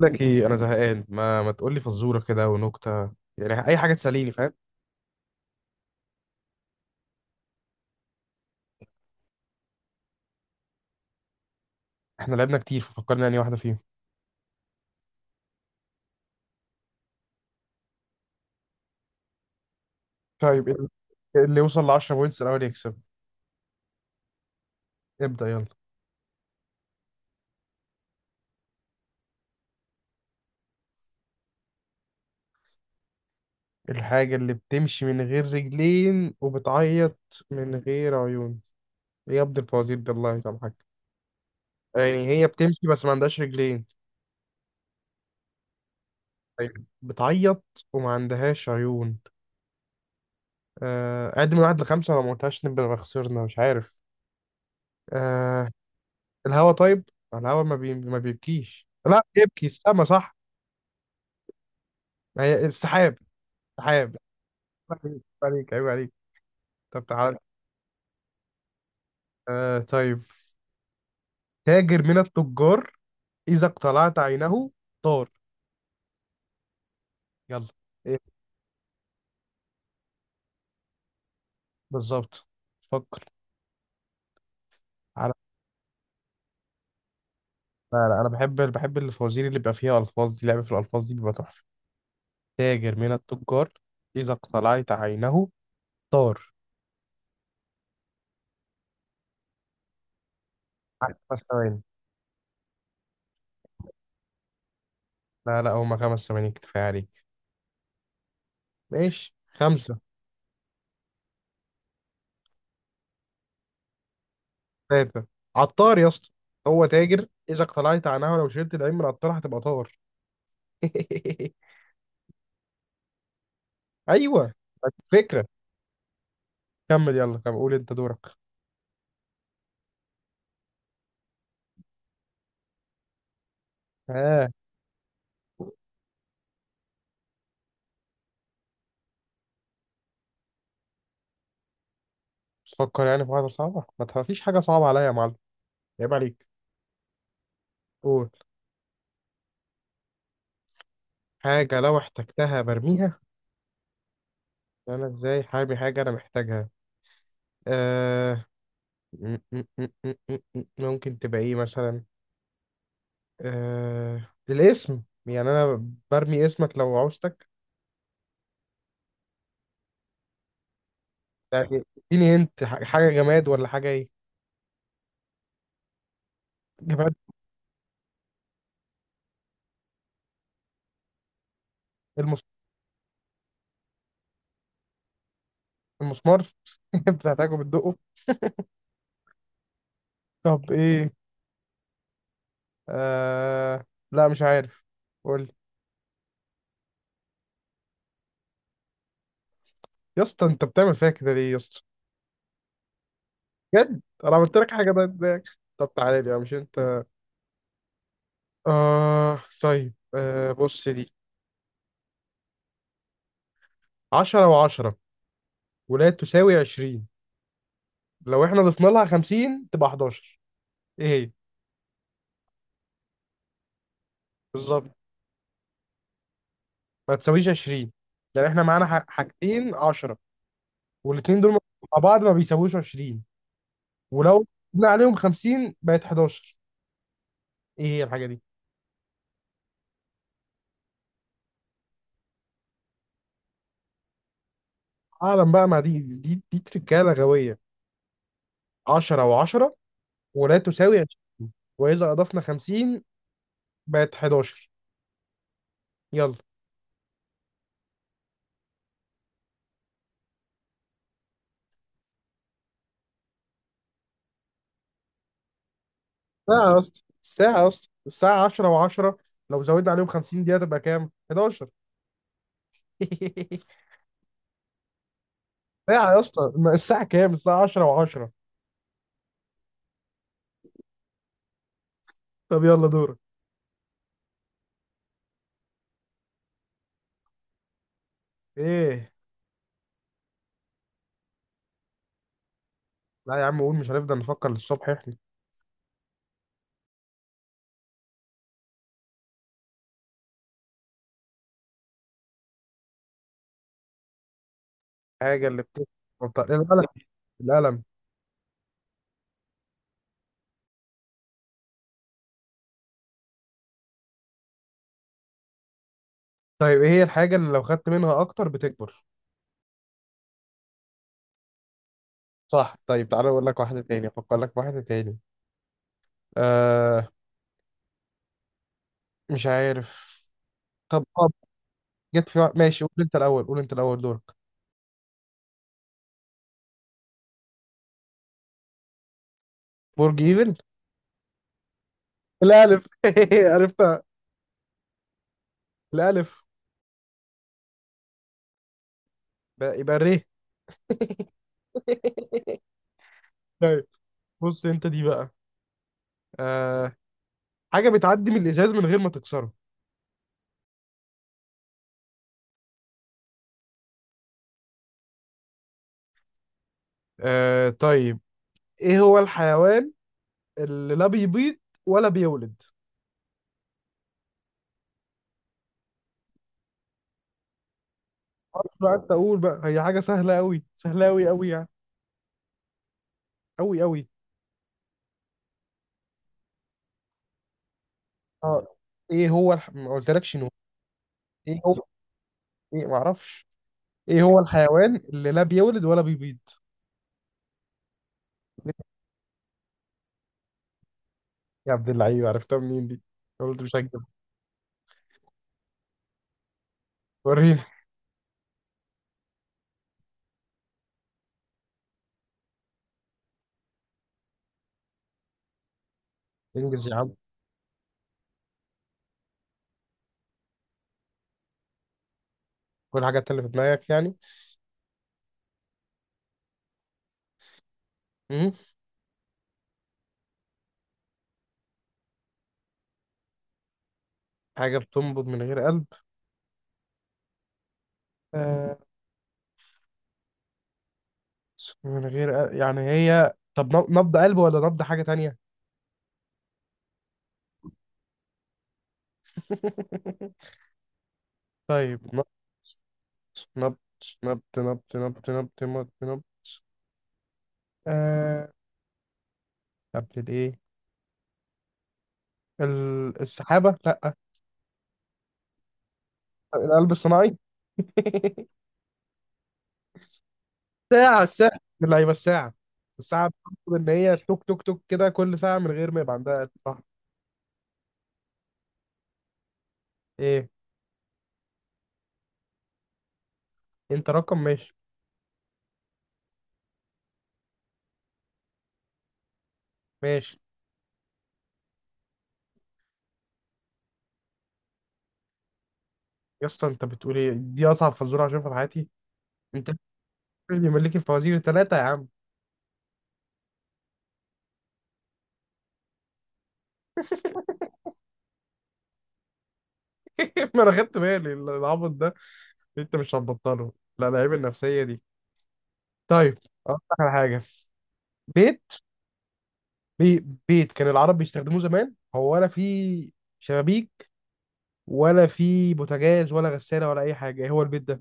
لك ايه، انا زهقان. ما تقول لي فزوره كده ونكته، يعني اي حاجه تسليني. فاهم؟ احنا لعبنا كتير ففكرنا يعني واحده فيهم. طيب اللي يوصل ل 10 بوينتس الاول يكسب. ابدا يلا. الحاجه اللي بتمشي من غير رجلين وبتعيط من غير عيون؟ إيه يا ابن الفوازير ده، الله يسامحك. يعني هي بتمشي بس ما عندهاش رجلين؟ طيب بتعيط وما عندهاش عيون. آه، اعد من واحد لخمسة لو ما قلتهاش نبقى خسرنا. مش عارف. آه، الهوا. طيب الهوا ما بيبكيش، لا يبكي السما، صح؟ ما هي السحاب. السحاب؟ عيب عليك، عيب عليك، عيب عليك. طب تعال. آه طيب. تاجر من التجار، إذا اقتلعت عينه طار. يلا. ايه. بالظبط. فكر. على. لا لا، انا بحب الفوازير اللي بيبقى فيها الفاظ، دي لعبة في الالفاظ دي، بيبقى تحفة. تاجر من التجار، إذا اقتلعت عينه طار. على 5 ثواني. لا لا، هما 5 ثواني كفاية عليك. ماشي، خمسة. ثلاثة. عطار يا اسطى. هو تاجر، إذا اقتلعت عنها، ولو شلت العين من عطار هتبقى طار. أيوه. طيب، فكرة. كمل يلا كمل، قول أنت دورك. آه. تفكر يعني في واحدة صعبة، ما تفيش حاجة صعبة عليا يا معلم، عيب عليك. قول. حاجة لو احتجتها برميها؟ أنا إزاي حامي حاجة أنا محتاجها؟ آه. ممكن تبقى إيه مثلا؟ آه الاسم، يعني أنا برمي اسمك لو عوزتك؟ يعني اديني انت حاجة جماد ولا حاجة ايه؟ جماعة. المس... المسمار. بتحتاجه بتدقه. طب ايه؟ آه... لا مش عارف، قول لي. يا اسطى انت بتعمل فيا كده ليه يا اسطى؟ بجد انا عملت لك حاجه؟ ده ازاي؟ طب تعالى لي بقى، مش انت. طيب بص دي. 10 و10 ولا تساوي 20، لو احنا ضفنا لها 50 تبقى 11. ايه هي؟ بالظبط. ما تساويش 20. يعني احنا معانا حاجتين 10، والاتنين دول مع بعض ما بيساويوش 20، ولو زدنا عليهم 50 بقت 11. ايه هي الحاجه دي؟ اعلم بقى مع دي تركاله غبيه. 10 و10 ولا تساوي 20، واذا اضفنا 50 بقت 11. يلا. ساعه يا اسطى، الساعه يا اسطى، الساعه 10 و10 لو زودنا عليهم 50 دقيقه تبقى كام؟ 11. ساعه يا اسطى، ما الساعه كام؟ الساعه 10 و10. طب يلا دورك. ايه. لا يا عم قول، مش هنفضل نفكر للصبح احنا. الحاجه اللي بتكبر. القلم. القلم. طيب ايه هي الحاجه اللي لو خدت منها اكتر بتكبر؟ صح. طيب تعالى اقول لك واحده تاني، افكر لك في واحده تاني. آه. مش عارف. طب اه. ماشي قول انت الاول، قول انت الاول دورك. برج ايفل. الالف. عرفتها الالف. يبقى الري. طيب بص انت دي بقى. آه. حاجه بتعدي من الازاز من غير ما تكسره. آه طيب، ايه هو الحيوان اللي لا بيبيض ولا بيولد؟ خلاص بقى انت قول بقى، هي حاجه سهله قوي، سهله قوي قوي يعني، قوي قوي. اه. ايه هو ما قلتلكش نو. ايه هو؟ ايه ما اعرفش. ايه هو الحيوان اللي لا بيولد ولا بيبيض؟ يا عبد اللعيب عرفتها منين دي؟ قلت مش هكدب. وريني. انجز يا عم. كل حاجة اللي في دماغك يعني. امم حاجة بتنبض من غير قلب. آه. من غير قلب. يعني هي طب نبض قلب ولا نبض حاجة تانية؟ طيب نبض. نبض نبض نبض نبض نبض نبض نبض آه. قبل الايه. السحابة؟ لا. القلب الصناعي. ساعة، الساعة اللعيبة، الساعة. الساعة بتطلب إن هي توك توك توك كده كل ساعة من غير ما يبقى عندها قتل. صح. إيه. أنت رقم، ماشي. ماشي. يا اسطى أنت بتقول إيه؟ دي أصعب فزورة هشوفها في حياتي؟ أنت اللي ملك الفوازير ثلاثة يا عم. ما أنا خدت بالي العبط ده، أنت مش هتبطله، لا العيب النفسية دي. طيب أقول لك على حاجة. بيت. بي بيت كان العرب بيستخدموه زمان، هو ولا فيه شبابيك ولا فيه بوتاجاز ولا غسالة ولا أي حاجة. إيه هو البيت ده؟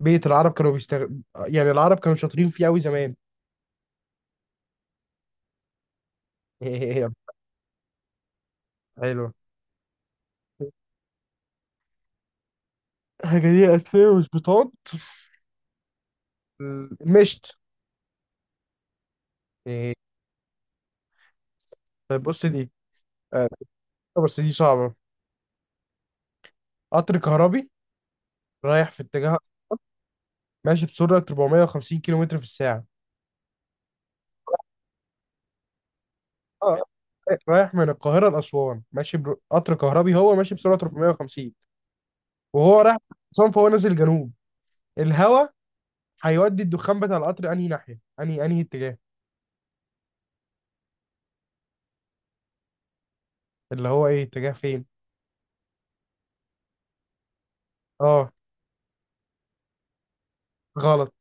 بيت العرب كانوا يعني العرب كانوا شاطرين فيه قوي زمان. حلو. حاجة دي أساسية وسبيطات. مشت. إيه. طيب بص دي. آه، بس دي صعبة. قطر كهربي رايح في اتجاه، ماشي بسرعة 450 كيلومتر في الساعة. آه، رايح من القاهرة لأسوان ماشي قطر كهربي هو ماشي بسرعة 450، وهو رايح أسوان فهو نازل جنوب. الهوا هيودي الدخان بتاع القطر أنهي ناحية؟ أنهي اتجاه، اللي هو إيه، اتجاه فين؟ اه. غلط.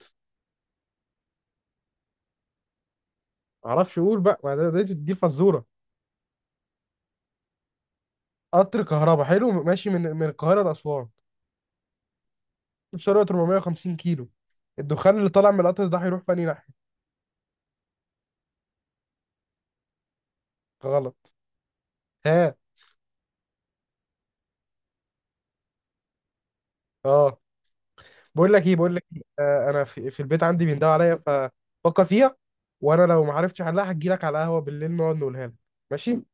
معرفش اقول بقى، ما دي فزوره. قطر كهربا حلو ماشي من القاهره لاسوان، سرعه 450 كيلو. الدخان اللي طالع من القطر ده هيروح في انهي ناحيه؟ غلط. ها. اه. بقول لك إيه. آه انا في البيت عندي بيندهوا عليا ففكر فيها، وانا لو ما عرفتش احلها هجي لك على القهوه بالليل نقعد نقولها لك. ماشي.